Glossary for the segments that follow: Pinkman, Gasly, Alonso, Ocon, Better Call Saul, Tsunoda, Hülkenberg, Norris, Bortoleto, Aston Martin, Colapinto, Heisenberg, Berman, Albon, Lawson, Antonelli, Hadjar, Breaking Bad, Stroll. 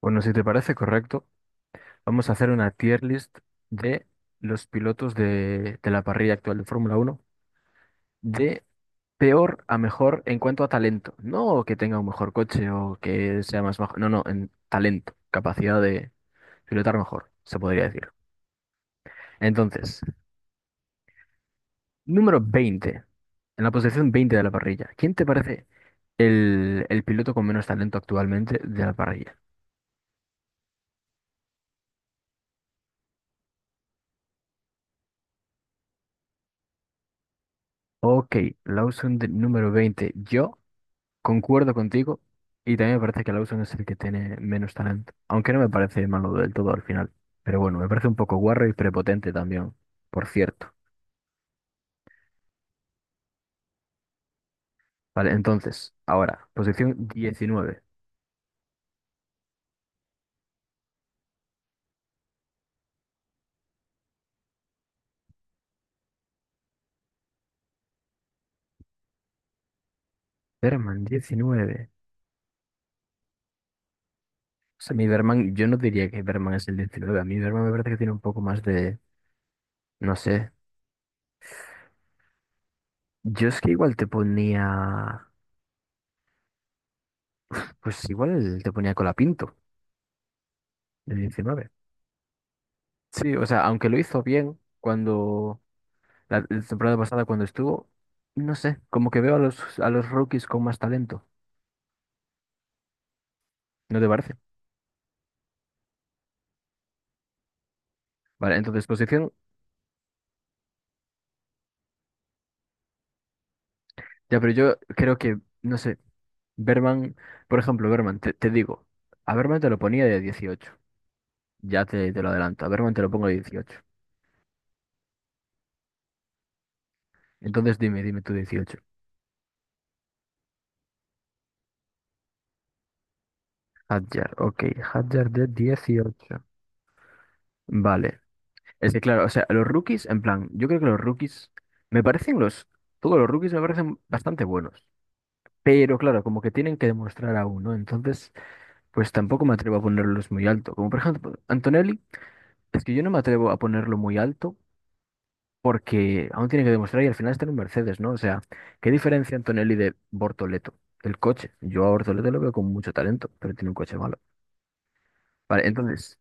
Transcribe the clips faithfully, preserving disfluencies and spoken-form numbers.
Bueno, si te parece correcto, vamos a hacer una tier list de los pilotos de, de la parrilla actual de Fórmula Uno de peor a mejor en cuanto a talento. No que tenga un mejor coche o que sea más bajo, no, no, en talento, capacidad de pilotar mejor, se podría decir. Entonces, número veinte, en la posición veinte de la parrilla, ¿quién te parece el, el piloto con menos talento actualmente de la parrilla? Ok, Lawson de número veinte. Yo concuerdo contigo y también me parece que Lawson es el que tiene menos talento, aunque no me parece malo del todo al final. Pero bueno, me parece un poco guarro y prepotente también, por cierto. Vale, entonces, ahora, posición diecinueve. Berman, diecinueve. O sea, mi Berman, yo no diría que Berman es el diecinueve. A mí Berman me parece que tiene un poco más de, no sé. Yo es que igual te ponía, pues igual te ponía Colapinto, de diecinueve. Sí, o sea, aunque lo hizo bien cuando La, la temporada pasada cuando estuvo, no sé, como que veo a los, a los rookies con más talento, ¿no te parece? Vale, entonces posición, ya, pero yo creo que, no sé, Berman, por ejemplo, Berman, te, te digo, a Berman te lo ponía de dieciocho. Ya te, te lo adelanto, a Berman te lo pongo de dieciocho. Entonces dime, dime tú dieciocho. Hadjar, ok, Hadjar de dieciocho. Vale, es que claro, o sea, los rookies, en plan, yo creo que los rookies, me parecen los, todos los rookies me parecen bastante buenos. Pero claro, como que tienen que demostrar aún, no. Entonces pues tampoco me atrevo a ponerlos muy alto. Como por ejemplo, Antonelli, es que yo no me atrevo a ponerlo muy alto porque aún tiene que demostrar y al final está en un Mercedes, ¿no? O sea, ¿qué diferencia Antonelli de Bortoleto? El coche. Yo a Bortoleto lo veo con mucho talento, pero tiene un coche malo. Vale, entonces,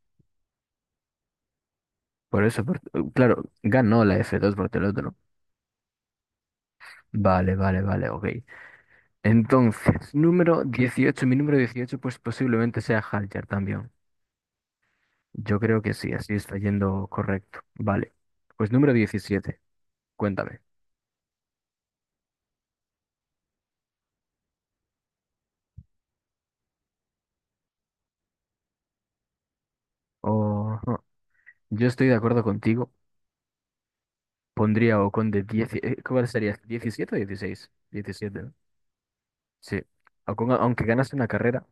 por eso, Bort- claro, ganó la F dos Bortoleto, ¿no? Vale, vale, vale, ok. Entonces, número dieciocho, mi número dieciocho pues posiblemente sea Haljar también. Yo creo que sí, así está yendo correcto. Vale. Pues número diecisiete, cuéntame. Oh, no, yo estoy de acuerdo contigo. Pondría a Ocon de diez. eh, ¿Cuál sería? ¿Diecisiete o dieciséis? diecisiete, ¿no? Sí. Ocon, a- aunque ganase una carrera,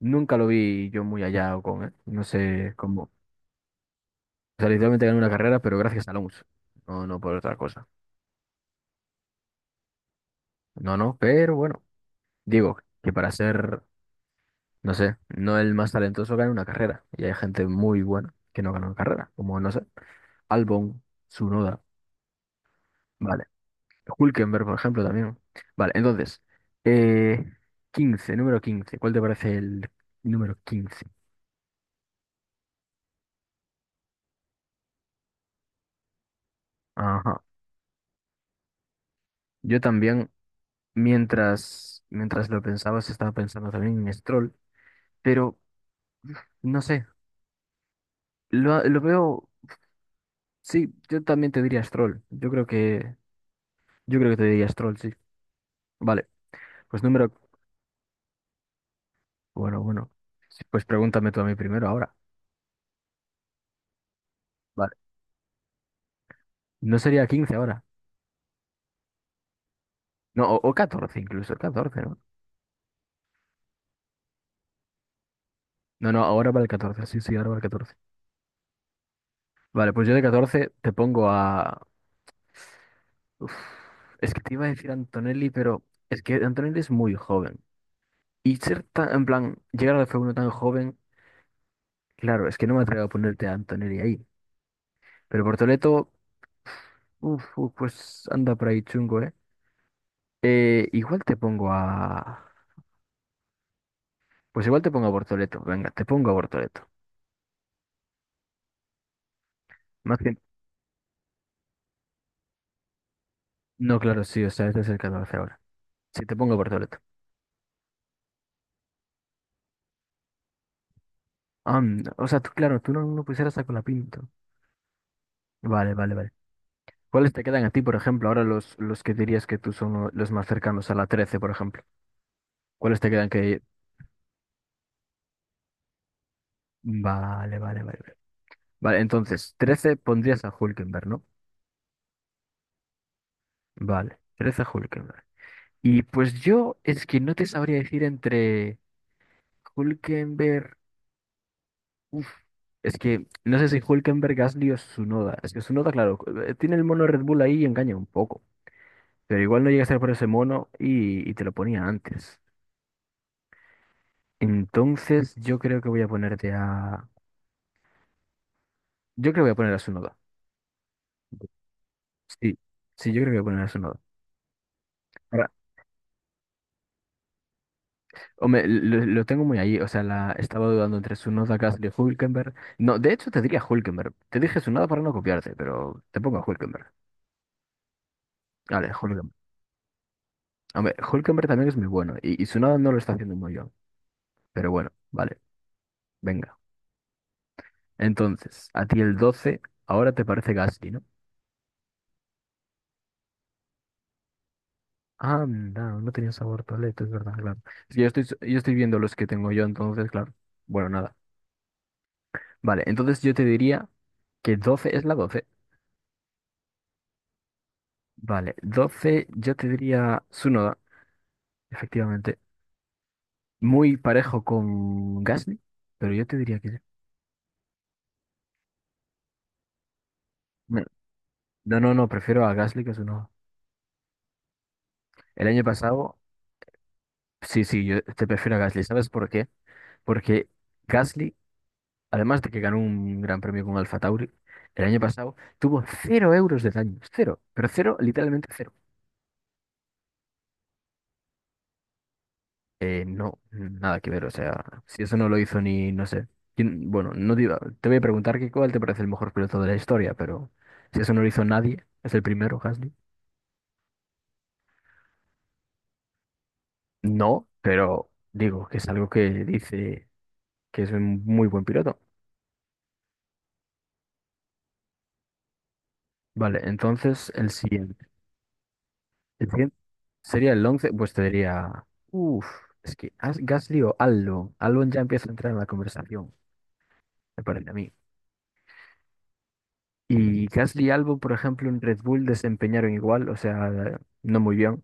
nunca lo vi yo muy allá, a Ocon, ¿eh? No sé cómo. O sea, literalmente ganó una carrera, pero gracias a Alonso. No, no por otra cosa. No, no, pero bueno. Digo que para ser, no sé, no el más talentoso gana una carrera. Y hay gente muy buena que no gana una carrera, como no sé. Albon, Tsunoda, vale. Hülkenberg, por ejemplo, también. Vale, entonces, eh, quince, número quince. ¿Cuál te parece el número quince? Ajá. Yo también, mientras, mientras lo pensabas, estaba pensando también en Stroll, pero no sé, lo, lo veo, sí, yo también te diría Stroll. Yo creo que, yo creo que te diría Stroll, sí. Vale, pues número, bueno, bueno, sí, pues pregúntame tú a mí primero ahora. Vale, no sería quince ahora, no, o, o catorce incluso, catorce, ¿no? No, no, ahora para el catorce sí, sí, ahora para el catorce. Vale, pues yo de catorce te pongo a. Uf, es que te iba a decir Antonelli, pero es que Antonelli es muy joven. Y ser tan, en plan, llegar a la F uno tan joven, claro, es que no me atrevo a ponerte a Antonelli ahí. Pero Portoleto, uf, uf, pues anda por ahí chungo, ¿eh? Eh, igual te pongo a. Pues igual te pongo a Bortoleto, venga, te pongo a Bortoleto. Más que. No, claro, sí, o sea, este es el catorce ahora. Sí, te pongo a Bortoleto. Ah, mm, o sea, tú, claro, tú no, no pusieras a Colapinto. Vale, vale, vale. ¿Cuáles te quedan a ti, por ejemplo? Ahora los, los que dirías que tú son los más cercanos a la trece por ejemplo. ¿Cuáles te quedan que. Vale, vale, vale. Vale, vale, entonces, trece pondrías a Hulkenberg, ¿no? Vale, trece a Hulkenberg. Y pues yo es que no te sabría decir entre Hulkenberg. Uf, es que no sé si Hulkenberg, Gasly o Tsunoda. Es que Tsunoda, claro, eh, tiene el mono Red Bull ahí y engaña un poco. Pero igual no llega a ser por ese mono y, y te lo ponía antes. Entonces, yo creo que voy a ponerte a. Yo creo que voy a poner a Sunoda. Sí, sí, yo creo que voy a poner a Sunoda. Ahora, hombre, lo, lo tengo muy ahí. O sea, la, estaba dudando entre Sunoda, Gasly, Hulkenberg. No, de hecho, te diría Hulkenberg. Te dije Sunoda para no copiarte, pero te pongo a Hulkenberg. Vale, Hulkenberg. Hombre, Hulkenberg también es muy bueno. Y, y Tsunoda no lo está haciendo muy bien. Pero bueno, vale, venga. Entonces, a ti el doce ahora te parece Gasly, ¿no? Ah, no, no tenía sabor paleta, es verdad, claro. Es que yo estoy, yo estoy viendo los que tengo yo, entonces, claro. Bueno, nada. Vale, entonces yo te diría que doce es la doce. Vale, doce yo te diría Tsunoda, efectivamente. Muy parejo con Gasly, pero yo te diría que. Me- No, no, no, prefiero a Gasly que a Tsunoda. El año pasado, sí, sí, yo te prefiero a Gasly. ¿Sabes por qué? Porque Gasly, además de que ganó un gran premio con Alfa Tauri, el año pasado tuvo cero euros de daño. Cero, pero cero, literalmente cero. Eh, no, nada que ver, o sea, si eso no lo hizo ni, no sé. Quién- bueno, no te iba- te voy a preguntar que cuál te parece el mejor piloto de la historia, pero si eso no lo hizo nadie, es el primero, Gasly. No, pero digo que es algo que dice que es un muy buen piloto. Vale, entonces el siguiente. El siguiente sería el once, pues te diría, uff, es que As- Gasly o Albon. Albon ya empieza a entrar en la conversación, me parece a mí. Y Gasly y Albon, por ejemplo, en Red Bull desempeñaron igual, o sea, no muy bien.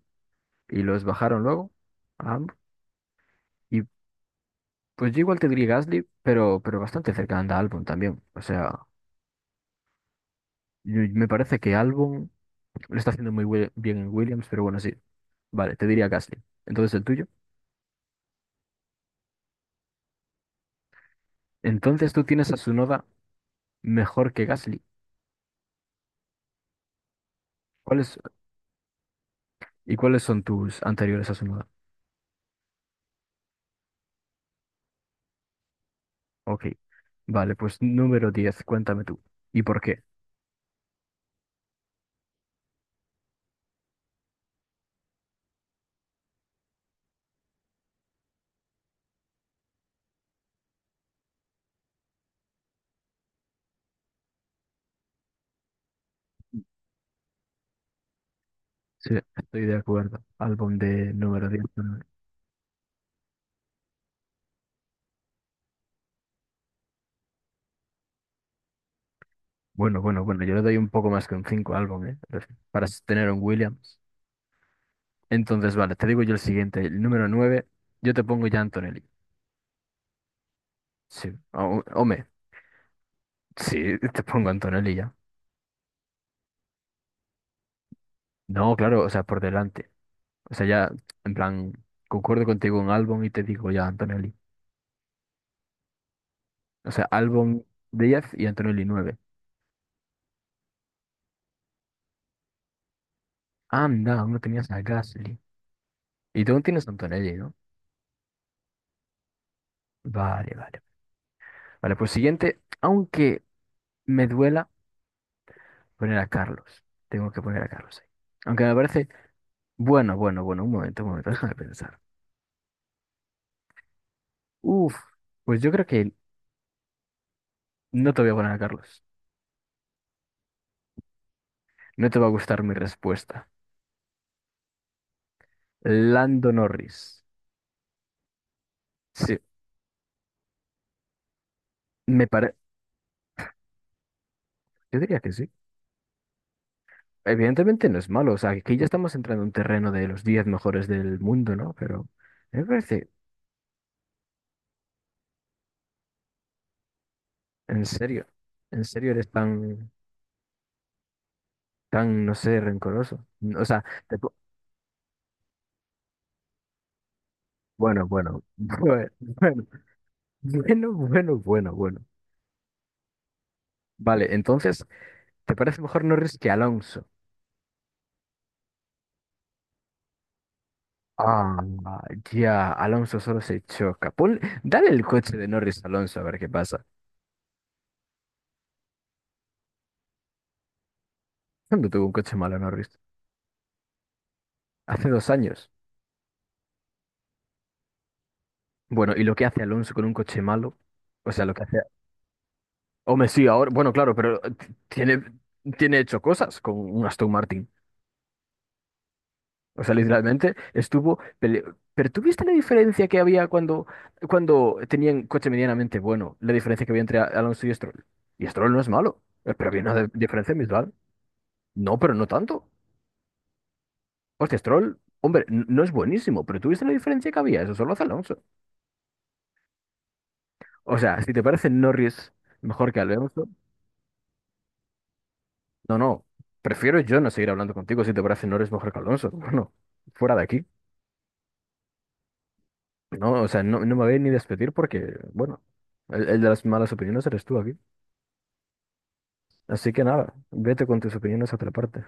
Y los bajaron luego a ambos. Y pues yo igual te diría Gasly, pero, pero bastante cerca anda Albon también. O sea, yo- me parece que Albon lo está haciendo muy wi- bien en Williams, pero bueno, sí. Vale, te diría Gasly. Entonces el tuyo. Entonces tú tienes a Tsunoda mejor que Gasly. ¿Cuáles, y cuáles son tus anteriores a Tsunoda? Ok. Vale, pues número diez, cuéntame tú. ¿Y por qué? Sí, estoy de acuerdo. Álbum de número diez, ¿no? Bueno, bueno, bueno, yo le doy un poco más que un cinco álbum, ¿eh? Para tener un Williams. Entonces, vale, te digo yo el siguiente, el número nueve, yo te pongo ya Antonelli. Sí, o- hombre, sí, te pongo Antonelli ya. No, claro, o sea, por delante. O sea, ya, en plan, concuerdo contigo en Albon y te digo ya Antonelli. O sea, Albon diez y Antonelli nueve. Anda, aún no tenías a Gasly. Y tú aún tienes a Antonelli, ¿no? Vale, vale. Vale, pues siguiente, aunque me duela poner a Carlos. Tengo que poner a Carlos ahí. Aunque me parece, bueno, bueno, bueno, un momento, un momento, déjame pensar. Uf, pues yo creo que no te voy a poner a Carlos. No te va a gustar mi respuesta. Lando Norris. Sí, me parece. Yo diría que sí. Evidentemente no es malo. O sea, aquí ya estamos entrando en un terreno de los diez mejores del mundo, ¿no? Pero me parece, en serio, en serio eres tan, tan, no sé, rencoroso. No, o sea, te po- bueno, bueno, bueno, bueno, bueno, bueno, bueno, bueno. Vale, entonces, ¿te parece mejor Norris que Alonso? Ah, ya, Alonso solo se choca. Pon- dale el coche de Norris a Alonso a ver qué pasa. ¿Cuándo tuvo un coche malo Norris? Hace dos años. Bueno, ¿y lo que hace Alonso con un coche malo? O sea, lo que hace. Hombre, sí, ahora. Bueno, claro, pero eh, t- tiene, tiene hecho cosas con un Aston Martin. O sea, literalmente estuvo. pele- Pero ¿tú viste la diferencia que había cuando, cuando tenían coche medianamente bueno? La diferencia que había entre Alonso y Stroll. Y Stroll no es malo, eh, pero había una de- diferencia visual. No, pero no tanto. Hostia, Stroll, hombre, n- no es buenísimo, pero ¿tuviste la diferencia que había? Eso solo hace Alonso. O sea, si te parece Norris mejor que Alonso, no, no, prefiero yo no seguir hablando contigo si te parece Norris mejor que Alonso. Bueno, fuera de aquí. No, o sea, no, no me voy ni despedir porque, bueno, el, el de las malas opiniones eres tú aquí. Así que nada, vete con tus opiniones a otra parte.